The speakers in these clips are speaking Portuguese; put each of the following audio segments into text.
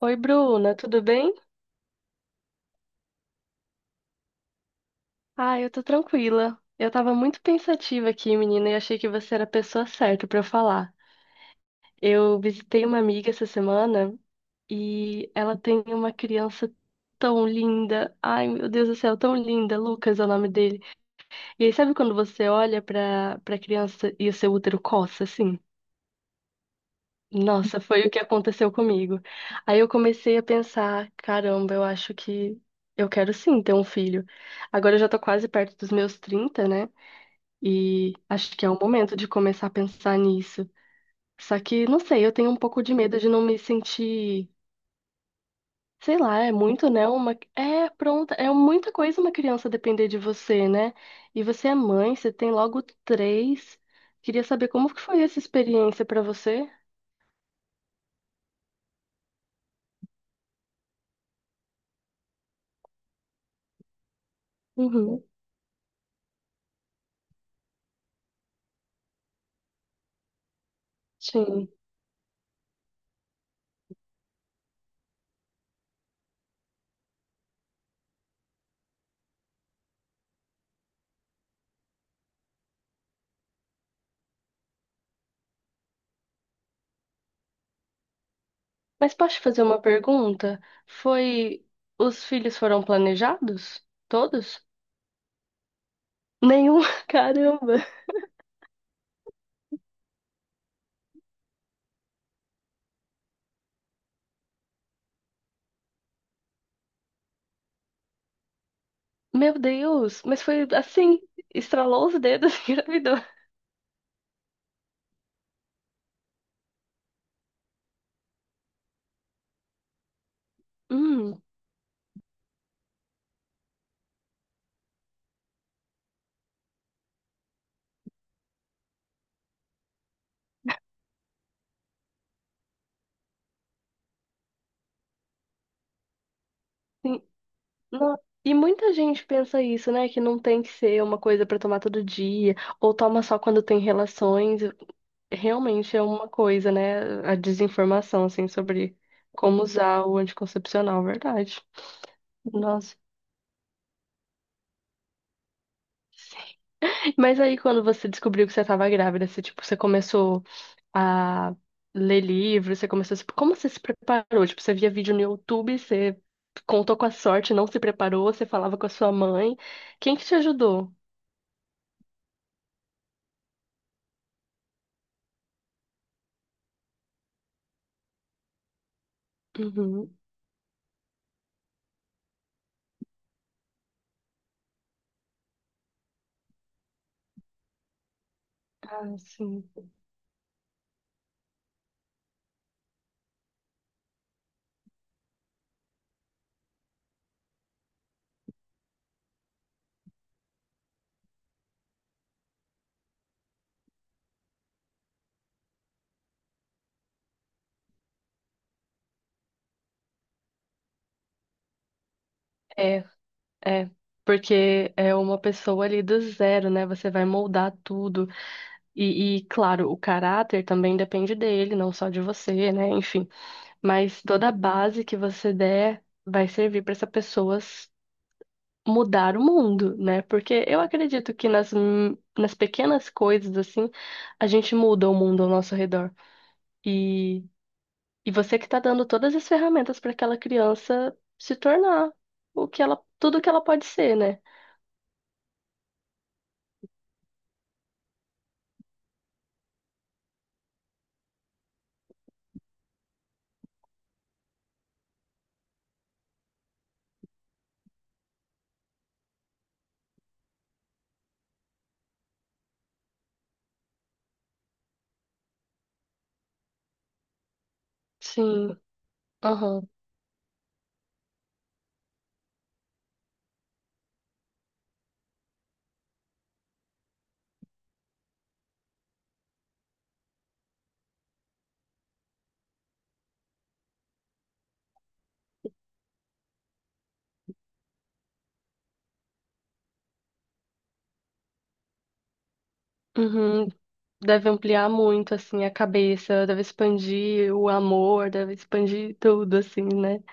Oi, Bruna, tudo bem? Ah, eu tô tranquila. Eu tava muito pensativa aqui, menina, e achei que você era a pessoa certa pra eu falar. Eu visitei uma amiga essa semana e ela tem uma criança tão linda. Ai, meu Deus do céu, tão linda. Lucas é o nome dele. E aí, sabe quando você olha pra criança e o seu útero coça, assim? Nossa, foi o que aconteceu comigo. Aí eu comecei a pensar, caramba, eu acho que eu quero sim ter um filho. Agora eu já tô quase perto dos meus 30, né? E acho que é o momento de começar a pensar nisso. Só que, não sei, eu tenho um pouco de medo de não me sentir, sei lá, é muito, né? Uma, é pronta, é muita coisa uma criança depender de você, né? E você é mãe, você tem logo três. Queria saber como que foi essa experiência pra você? Uhum, sim. Mas posso te fazer uma pergunta? Foi. Os filhos foram planejados? Todos? Nenhum? Caramba! Meu Deus! Mas foi assim, estralou os dedos e engravidou. Hum, sim. Não. E muita gente pensa isso, né? Que não tem que ser uma coisa pra tomar todo dia, ou toma só quando tem relações. Realmente é uma coisa, né? A desinformação, assim, sobre como usar o anticoncepcional, verdade. Nossa. Mas aí, quando você descobriu que você estava grávida, você, tipo, você começou a ler livros, você começou a... se- Como você se preparou? Tipo, você via vídeo no YouTube, você contou com a sorte, não se preparou, você falava com a sua mãe. Quem que te ajudou? Uhum. Ah, sim. É, é. Porque é uma pessoa ali do zero, né? Você vai moldar tudo. E, claro, o caráter também depende dele, não só de você, né? Enfim. Mas toda a base que você der vai servir para essa pessoa mudar o mundo, né? Porque eu acredito que nas pequenas coisas, assim, a gente muda o mundo ao nosso redor. E, e você que tá dando todas as ferramentas para aquela criança se tornar o que ela, tudo que ela pode ser, né? Sim. Aham. Uhum. Deve ampliar muito, assim, a cabeça, deve expandir o amor, deve expandir tudo, assim, né?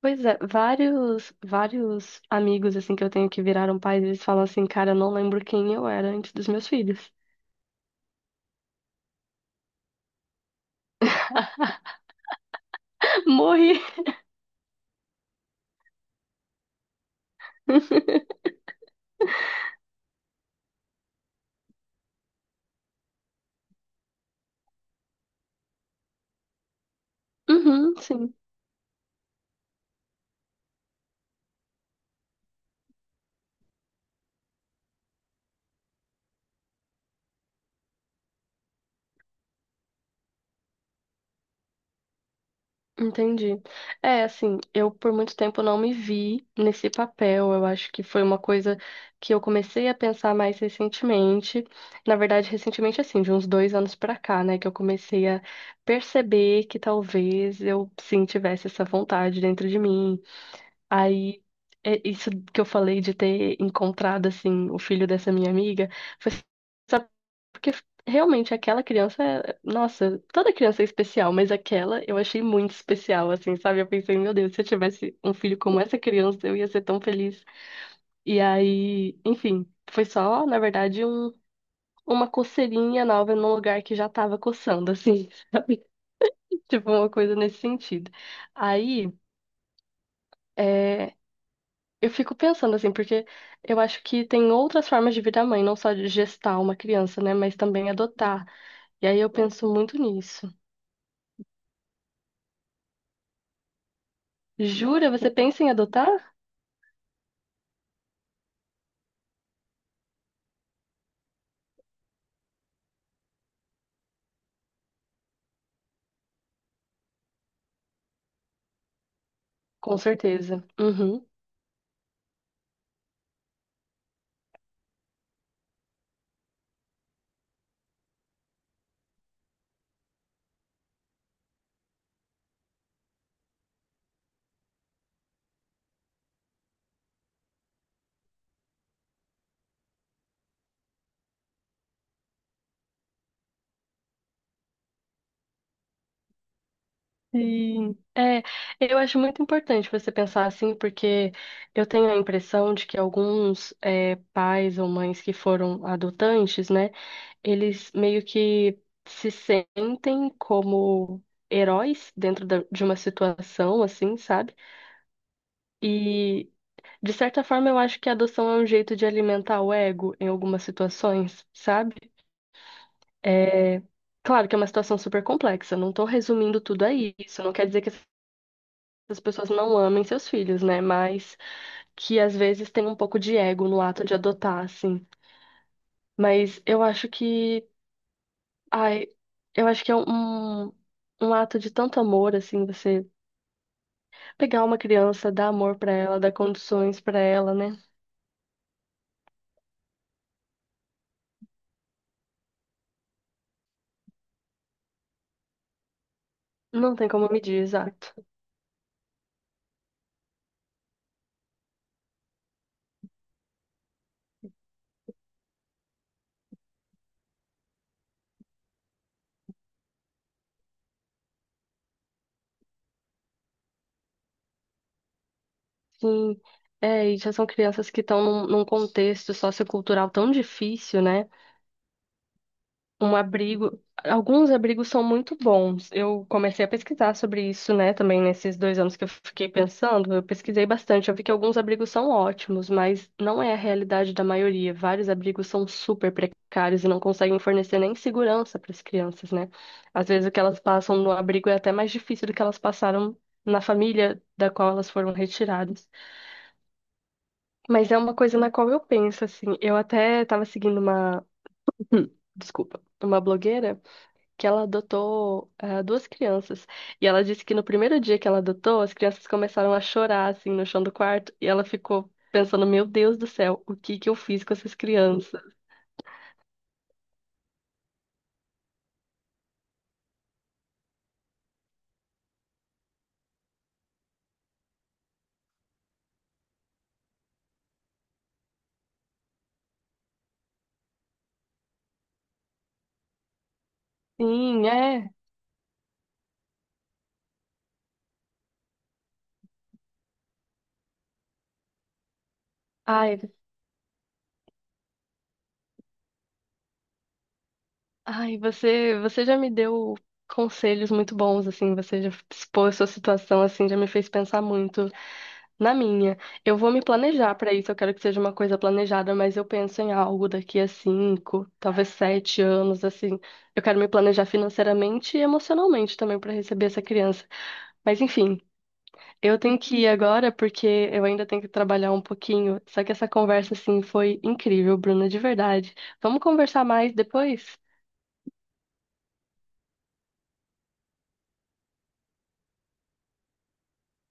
Pois é, vários, vários amigos assim que eu tenho que viraram pais, eles falam assim, cara, eu não lembro quem eu era antes dos meus filhos. Morri. Uhum, sim, entendi. É, assim, eu por muito tempo não me vi nesse papel. Eu acho que foi uma coisa que eu comecei a pensar mais recentemente. Na verdade, recentemente, assim, de uns 2 anos pra cá, né, que eu comecei a perceber que talvez eu sim tivesse essa vontade dentro de mim. Aí, é isso que eu falei de ter encontrado, assim, o filho dessa minha amiga, foi só porque realmente aquela criança, é- nossa, toda criança é especial, mas aquela eu achei muito especial, assim, sabe? Eu pensei, meu Deus, se eu tivesse um filho como essa criança, eu ia ser tão feliz. E aí, enfim, foi só, na verdade, uma coceirinha nova num lugar que já tava coçando, assim, tipo, uma coisa nesse sentido. Aí. é, Eu fico pensando assim, porque eu acho que tem outras formas de virar mãe, não só de gestar uma criança, né? Mas também adotar. E aí eu penso muito nisso. Jura? Você pensa em adotar? Com certeza. Uhum. Sim. É, eu acho muito importante você pensar assim, porque eu tenho a impressão de que alguns pais ou mães que foram adotantes, né? Eles meio que se sentem como heróis dentro da- de uma situação assim, sabe? E, de certa forma, eu acho que a adoção é um jeito de alimentar o ego em algumas situações, sabe? É... Claro que é uma situação super complexa, não tô resumindo tudo a isso, não quer dizer que essas pessoas não amem seus filhos, né? Mas que às vezes tem um pouco de ego no ato de adotar, assim. Mas eu acho que. Ai, eu acho que é um ato de tanto amor, assim, você pegar uma criança, dar amor pra ela, dar condições pra ela, né? Não tem como medir, exato. Sim, é, e já são crianças que estão num contexto sociocultural tão difícil, né? Um abrigo, alguns abrigos são muito bons. Eu comecei a pesquisar sobre isso, né? Também nesses 2 anos que eu fiquei pensando, eu pesquisei bastante. Eu vi que alguns abrigos são ótimos, mas não é a realidade da maioria. Vários abrigos são super precários e não conseguem fornecer nem segurança para as crianças, né? Às vezes o que elas passam no abrigo é até mais difícil do que elas passaram na família da qual elas foram retiradas. Mas é uma coisa na qual eu penso, assim. Eu até tava seguindo uma. Hum, Desculpa. Uma blogueira que ela adotou duas crianças. E ela disse que no primeiro dia que ela adotou, as crianças começaram a chorar, assim, no chão do quarto. E ela ficou pensando: Meu Deus do céu, o que que eu fiz com essas crianças? Sim, é. Ai, Ai, você já me deu conselhos muito bons, assim, você já expôs sua situação, assim, já me fez pensar muito na minha. Eu vou me planejar pra isso, eu quero que seja uma coisa planejada, mas eu penso em algo daqui a 5, talvez 7 anos, assim. Eu quero me planejar financeiramente e emocionalmente também pra receber essa criança. Mas enfim, eu tenho que ir agora porque eu ainda tenho que trabalhar um pouquinho. Só que essa conversa, assim, foi incrível, Bruna, de verdade. Vamos conversar mais depois?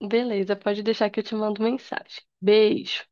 Beleza, pode deixar que eu te mando mensagem. Beijo.